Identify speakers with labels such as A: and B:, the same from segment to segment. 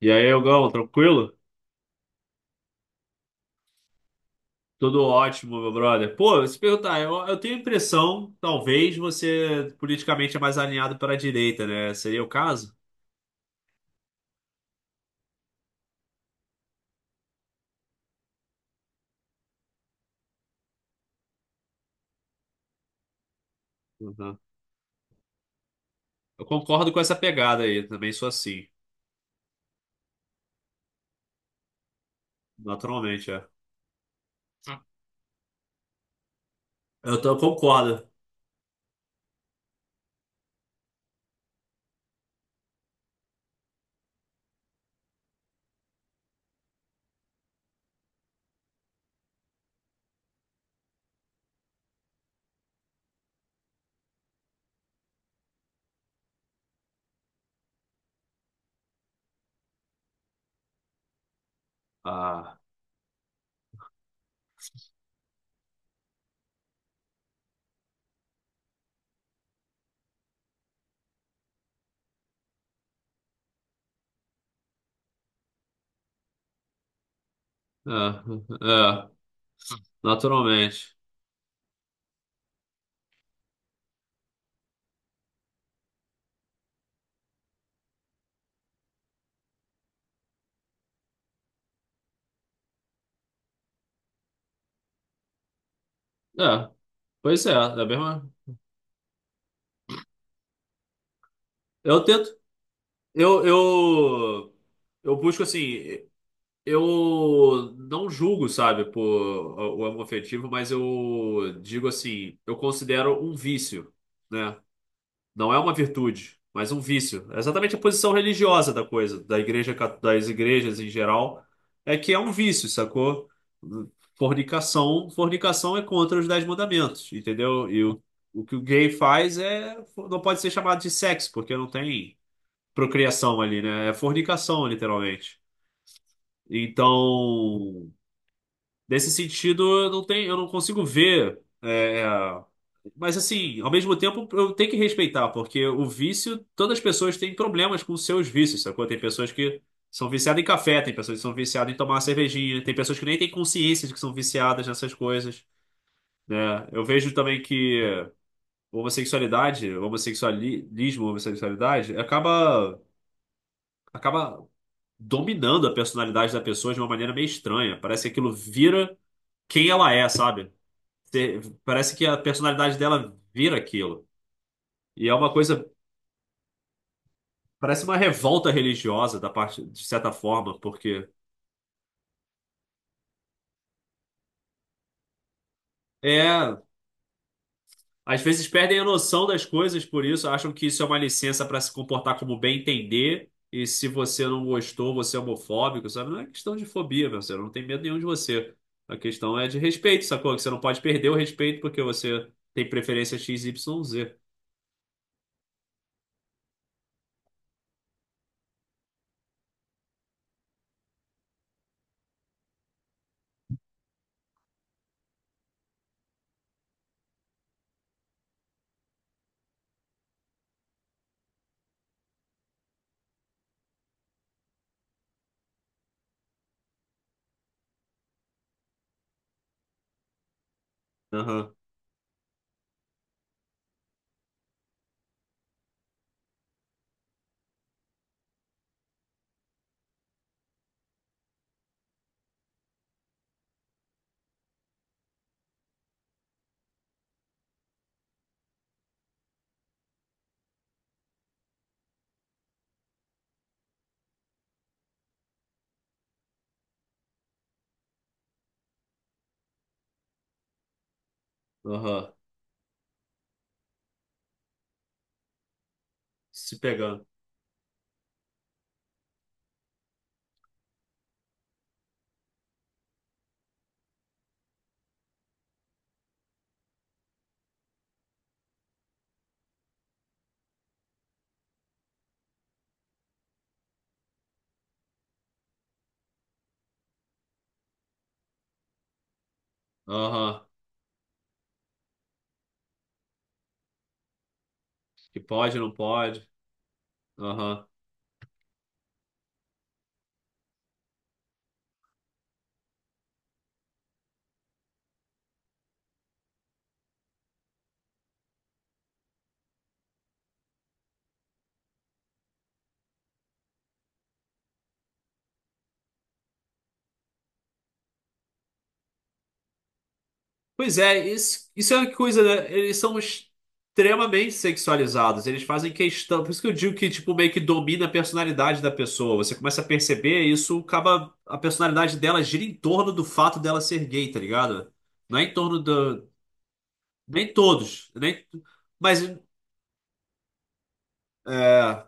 A: E aí, Elgão, tranquilo? Tudo ótimo, meu brother. Pô, se perguntar, eu tenho a impressão, talvez você politicamente é mais alinhado para a direita, né? Seria o caso? Uhum. Eu concordo com essa pegada aí, também sou assim, naturalmente, é. Eu concordo. Ah, é, é, naturalmente. É, pois é, é a mesma. Eu tento, eu, eu, eu busco assim. Eu não julgo, sabe, por o homoafetivo, mas eu digo assim, eu considero um vício, né? Não é uma virtude, mas um vício. É exatamente a posição religiosa da coisa, da igreja, das igrejas em geral, é que é um vício, sacou? Fornicação, fornicação é contra os dez mandamentos, entendeu? E o que o gay faz é não pode ser chamado de sexo, porque não tem procriação ali, né? É fornicação, literalmente. Então, nesse sentido, eu não tenho, eu não consigo ver. É, é, mas assim, ao mesmo tempo, eu tenho que respeitar, porque o vício, todas as pessoas têm problemas com os seus vícios, sacou? Tem pessoas que são viciadas em café, tem pessoas que são viciadas em tomar uma cervejinha, tem pessoas que nem têm consciência de que são viciadas nessas coisas, né? Eu vejo também que homossexualidade, homossexualismo, homossexualidade, acaba dominando a personalidade da pessoa de uma maneira meio estranha. Parece que aquilo vira quem ela é, sabe? Te- Parece que a personalidade dela vira aquilo. E é uma coisa, parece uma revolta religiosa da parte, de certa forma, porque é, às vezes perdem a noção das coisas por isso, acham que isso é uma licença para se comportar como bem entender, e se você não gostou, você é homofóbico, sabe? Não é questão de fobia, meu, você não tem medo nenhum de você. A questão é de respeito, sacou? Que você não pode perder o respeito porque você tem preferência XYZ. Aham, aham. Se pegando. Aham. Que pode, não pode. Aham. Pois é, isso é uma coisa, né? Eles são extremamente sexualizados. Eles fazem questão. Por isso que eu digo que, tipo, meio que domina a personalidade da pessoa. Você começa a perceber isso, acaba. A personalidade dela gira em torno do fato dela ser gay, tá ligado? Não é em torno do. Nem todos. Nem... Mas. É.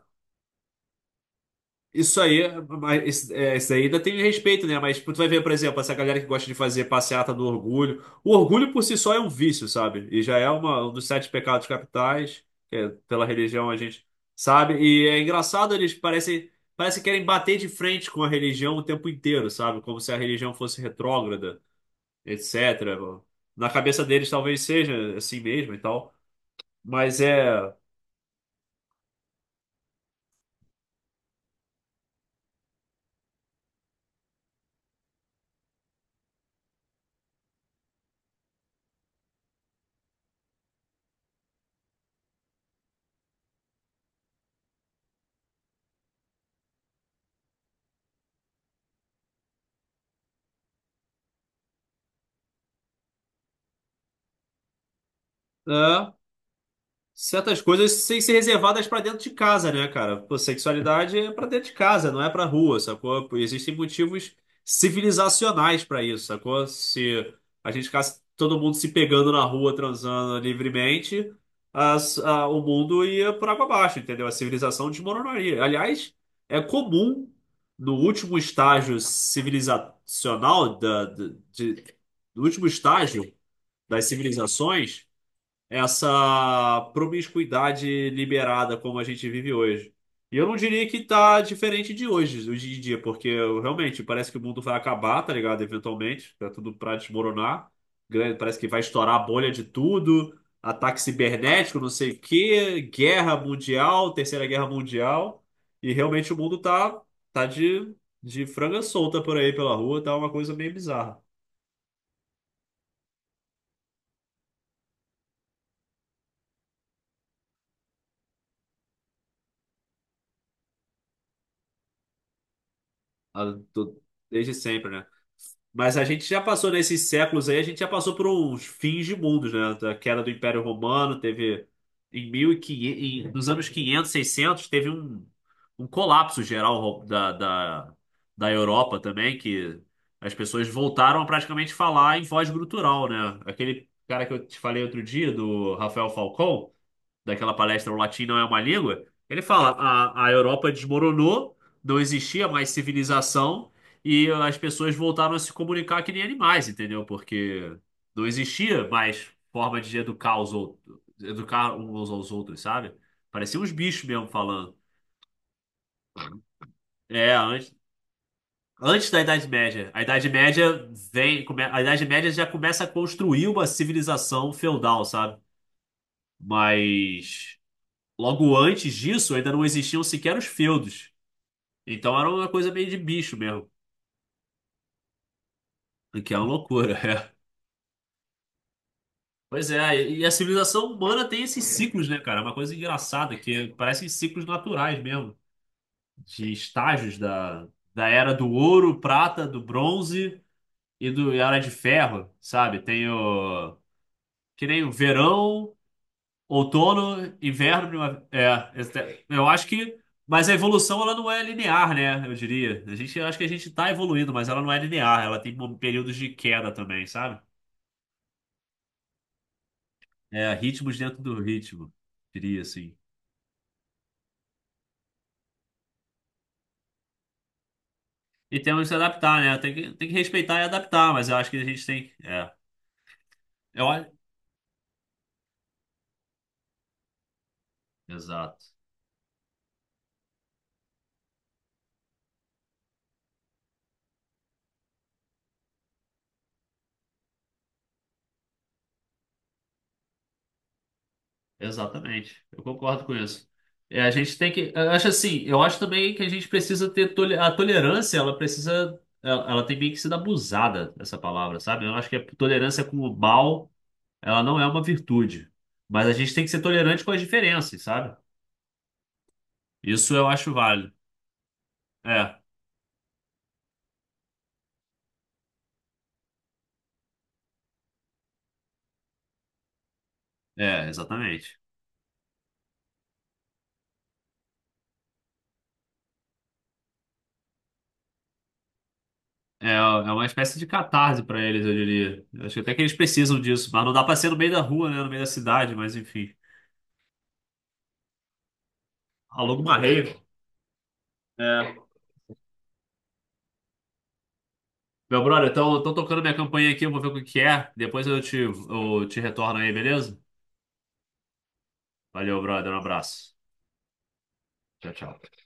A: Isso aí, mas isso, é, isso aí ainda tem respeito, né? Mas tipo, tu vai ver, por exemplo, essa galera que gosta de fazer passeata do orgulho. O orgulho por si só é um vício, sabe? E já é um dos sete pecados capitais, que é, pela religião a gente sabe. E é engraçado, eles parecem, parecem que querem bater de frente com a religião o tempo inteiro, sabe? Como se a religião fosse retrógrada, etc. Na cabeça deles talvez seja assim mesmo e tal. Mas é. É. Certas coisas têm que ser reservadas pra dentro de casa, né, cara? Pô, sexualidade é pra dentro de casa, não é pra rua, sacou? Pô, existem motivos civilizacionais pra isso, sacou? Se a gente ficasse todo mundo se pegando na rua, transando livremente, o mundo ia por água abaixo, entendeu? A civilização desmoronaria. Aliás, é comum no último estágio civilizacional da, da- de- no último estágio das civilizações essa promiscuidade liberada como a gente vive hoje. E eu não diria que tá diferente de hoje, hoje em dia, porque eu, realmente parece que o mundo vai acabar, tá ligado? Eventualmente, tá tudo pra desmoronar. Parece que vai estourar a bolha de tudo, ataque cibernético, não sei o quê, guerra mundial, terceira guerra mundial. E realmente o mundo tá de franga solta por aí pela rua, tá uma coisa meio bizarra. Ah, do- Desde sempre, né? Mas a gente já passou nesses séculos aí, a gente já passou por uns fins de mundos, né? Da queda do Império Romano, teve em 1500, nos anos 500 600 teve um colapso geral da Europa também, que as pessoas voltaram a praticamente falar em voz gutural, né? Aquele cara que eu te falei outro dia, do Rafael Falcão, daquela palestra O Latim Não É Uma Língua, ele fala: a Europa desmoronou, não existia mais civilização. E as pessoas voltaram a se comunicar que nem animais, entendeu? Porque não existia mais forma de educar os outros, educar uns aos outros, sabe? Pareciam uns bichos mesmo falando. É, antes da Idade Média. A Idade Média já começa a construir uma civilização feudal, sabe? Mas logo antes disso ainda não existiam sequer os feudos. Então era uma coisa meio de bicho mesmo, o que é uma loucura. Pois é, e a civilização humana tem esses ciclos, né, cara? É uma coisa engraçada, que parecem ciclos naturais mesmo, de estágios da era do ouro, prata, do bronze e a era de ferro, sabe? Tem o. Que nem o verão, outono, inverno, primavera. É, eu acho que. Mas a evolução, ela não é linear, né? Eu diria. A gente, eu acho que a gente tá evoluindo, mas ela não é linear. Ela tem períodos de queda também, sabe? É, ritmos dentro do ritmo, diria assim. E temos que se adaptar, né? Tem que respeitar e adaptar, mas eu acho que a gente tem. É. Eu, acho- Exato. Exatamente. Eu concordo com isso. É, a gente tem que. Eu acho assim, eu acho também que a gente precisa ter. A tolerância, ela precisa. Ela tem meio que sido abusada, essa palavra, sabe? Eu acho que a tolerância com o mal, ela não é uma virtude. Mas a gente tem que ser tolerante com as diferenças, sabe? Isso eu acho válido. É, é, exatamente. É, é uma espécie de catarse para eles, eu diria. Eu acho que até que eles precisam disso, mas não dá pra ser no meio da rua, né? No meio da cidade, mas enfim. Alô, uma rave. É. Meu brother, estão tocando minha campainha aqui, eu vou ver o que que é. Depois eu te retorno aí, beleza? Valeu, brother, um abraço. Tchau, tchau.